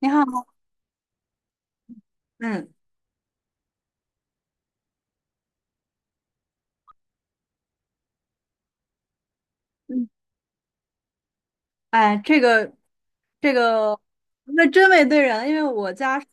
你好。嗯嗯。哎，这个，那真没对人，因为我家是。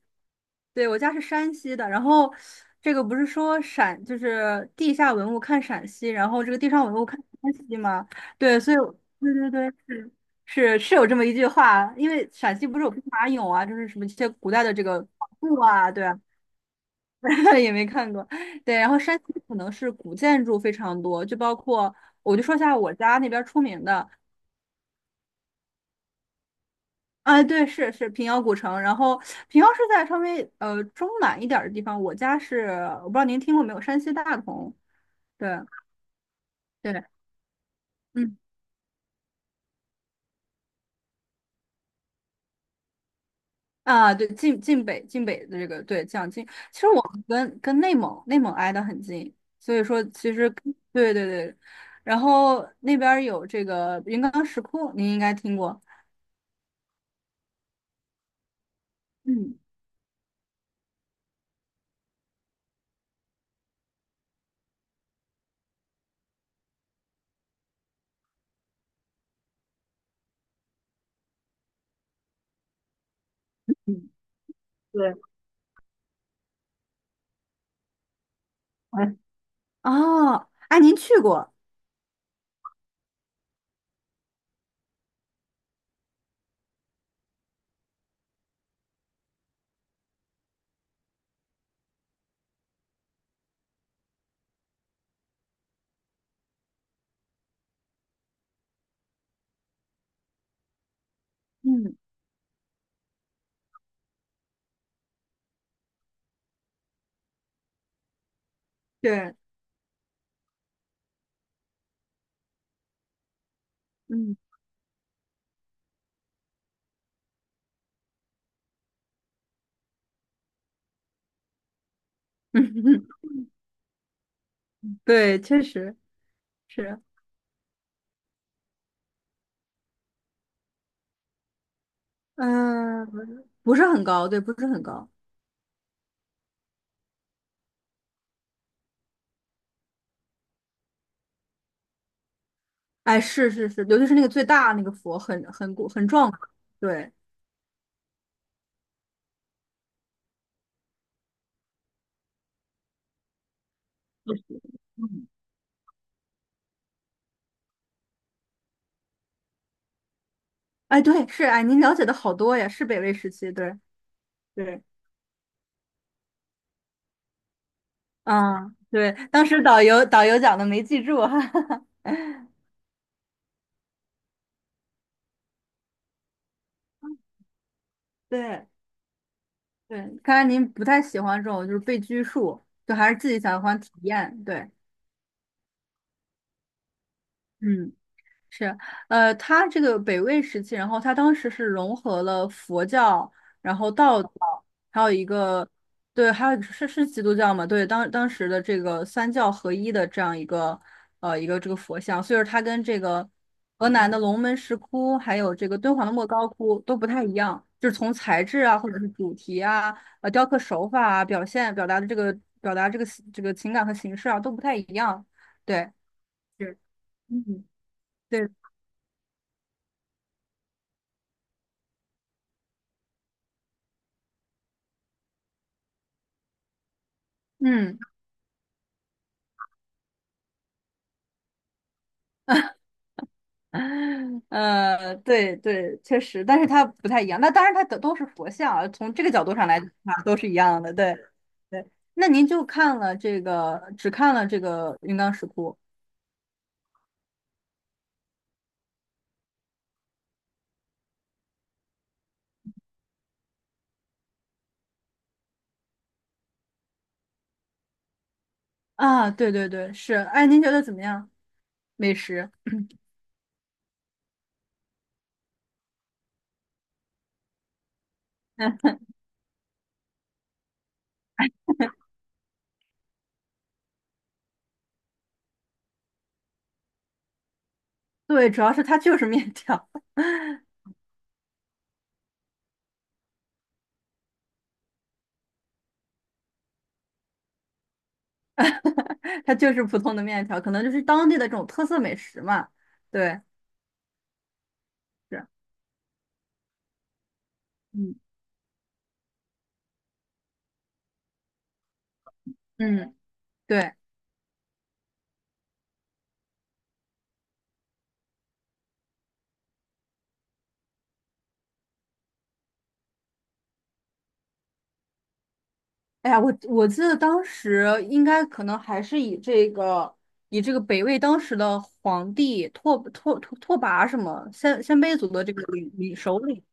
对，我家是山西的，然后这个不是说陕，就是地下文物看陕西，然后这个地上文物看山西吗？对，所以我。对对对，是是有这么一句话，因为陕西不是有兵马俑啊，就是什么一些古代的这个考古啊。对啊，也没看过。对，然后山西可能是古建筑非常多，就包括我就说一下我家那边儿出名的。啊，对，是平遥古城，然后平遥是在稍微中南一点儿的地方。我家是，我不知道您听过没有，山西大同。对对。嗯，啊，对，晋北的这个对讲晋。其实我们跟内蒙挨得很近，所以说其实。对对对，然后那边儿有这个云冈石窟，您应该听过。嗯嗯。对。哎。哦，哎，您去过。嗯，对。嗯。 对，确实是。嗯，不是很高，对，不是很高。哎，是，尤其是那个最大那个佛，很很壮观。对。哎，对，是。哎，您了解的好多呀，是北魏时期。对对。嗯，对，当时导游讲的没记住。哈哈哈。对对。看来您不太喜欢这种就是被拘束，就还是自己喜欢体验，对。嗯。是。呃，他这个北魏时期，然后他当时是融合了佛教，然后道教，还有一个。对，还有一个是基督教嘛？对，当当时的这个三教合一的这样一个一个这个佛像，所以说它跟这个河南的龙门石窟，还有这个敦煌的莫高窟都不太一样，就是从材质啊，或者是主题啊，呃，雕刻手法啊，表达的这个表达这个这个情感和形式啊都不太一样。对。是。嗯。对。嗯。呃，对对，确实，但是它不太一样。那当然，它都是佛像啊，从这个角度上来看，都是一样的。对。对，那您就看了这个，只看了这个云冈石窟啊？对对对，是。哎，您觉得怎么样？美食？对，主要是它就是面条。它就是普通的面条，可能就是当地的这种特色美食嘛。对。是。嗯嗯。对。哎呀，我我记得当时应该可能还是以这个以这个北魏当时的皇帝拓跋什么鲜卑族的这个首领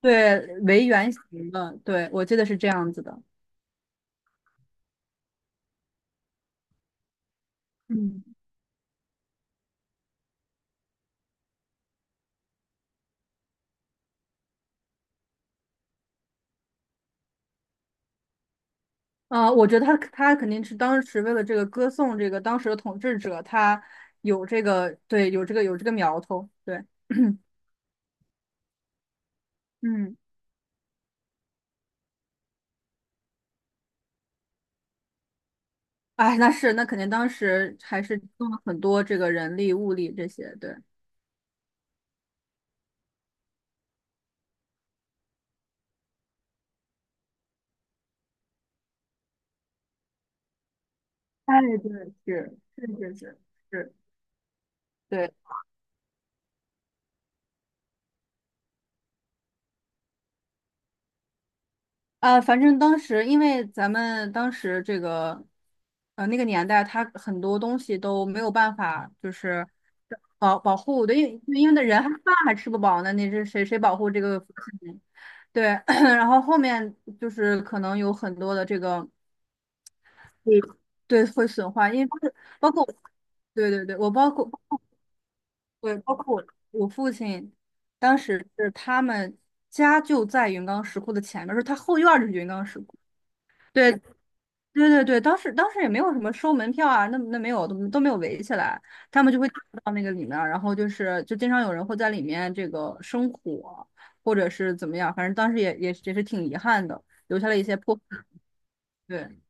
对为原型的。对，我记得是这样子的。嗯，呃，我觉得他肯定是当时为了这个歌颂这个当时的统治者，他有这个，对，有这个苗头，对。嗯，哎，那是那肯定当时还是动了很多这个人力物力这些，对。哎，对，是是是是是，对。啊，反正当时因为咱们当时这个，呃，那个年代，它很多东西都没有办法，就是保护的，因为那人还饭还吃不饱呢，你是谁保护这个福气呢。对。然后后面就是可能有很多的这个。对。对，会损坏，因为包括包括。对对对，我包括。对，包括我我父亲，当时是他们家就在云冈石窟的前面，说他后院儿就是云冈石窟。对。对对对，当时也没有什么收门票啊，那那没有，都没有围起来，他们就会到那个里面儿，然后就是就经常有人会在里面这个生火，或者是怎么样，反正当时也是挺遗憾的，留下了一些破。对。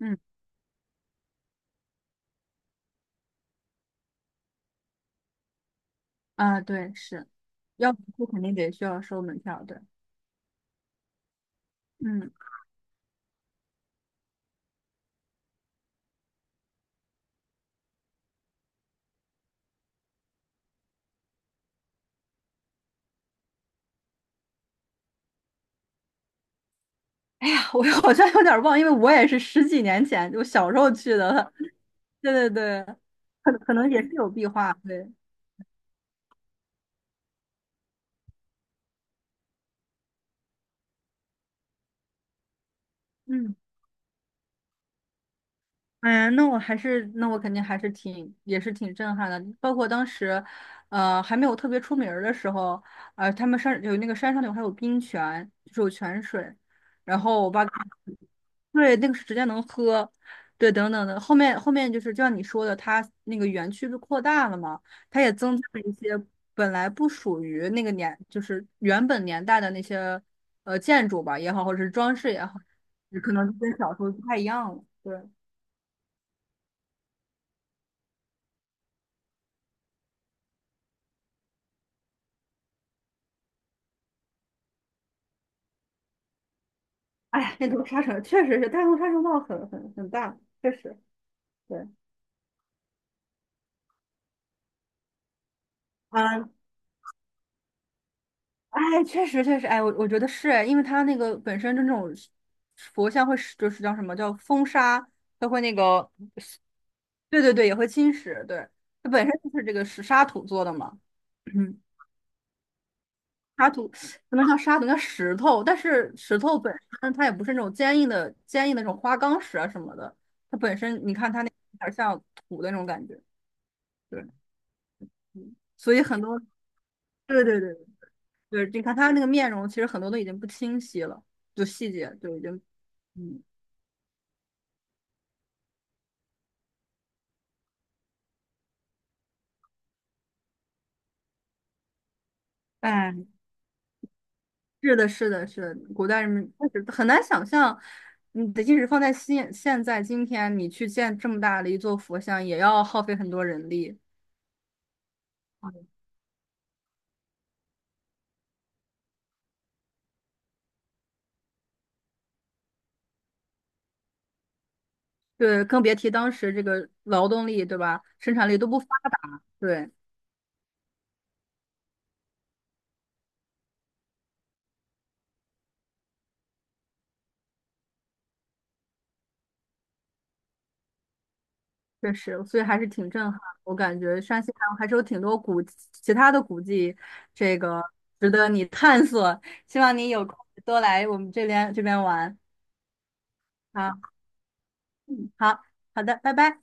嗯，啊，对，是，要不肯定得需要收门票，对。嗯。哎呀，我好像有点忘，因为我也是十几年前，就小时候去的了。对对对，可能也是有壁画。对。嗯。哎呀，那我还是，那我肯定还是挺，也是挺震撼的。包括当时，呃，还没有特别出名儿的时候，呃，他们山有那个山上有还有冰泉，就是有泉水，然后我爸跟我。对，那个是直接能喝。对，等等的。后面就是就像你说的，它那个园区就扩大了嘛，它也增加了一些本来不属于那个年，就是原本年代的那些呃建筑吧也好，或者是装饰也好，可能跟小时候不太一样了，对。哎呀，那头沙尘确实是大陆沙尘暴很大，确实。对。嗯。哎，确实确实。哎，我我觉得是。哎，因为它那个本身就那种佛像会是就是叫什么叫风沙，它会那个。对对对，也会侵蚀，对。它本身就是这个石沙土做的嘛。嗯，沙土不能叫沙土，叫石头，但是石头本身它也不是那种坚硬的那种花岗石啊什么的，它本身你看它那有点像土的那种感觉。对，所以很多。对对对，就是你看他那个面容，其实很多都已经不清晰了，就细节就已经。嗯。哎，是的，是的，是的，古代人们确实很难想象。你的即使放在现在今天，你去建这么大的一座佛像，也要耗费很多人力。对，更别提当时这个劳动力，对吧？生产力都不发达，对。确实，所以还是挺震撼。我感觉山西还是有挺多古其他的古迹，这个值得你探索。希望你有空多来我们这边玩。好好好的，拜拜。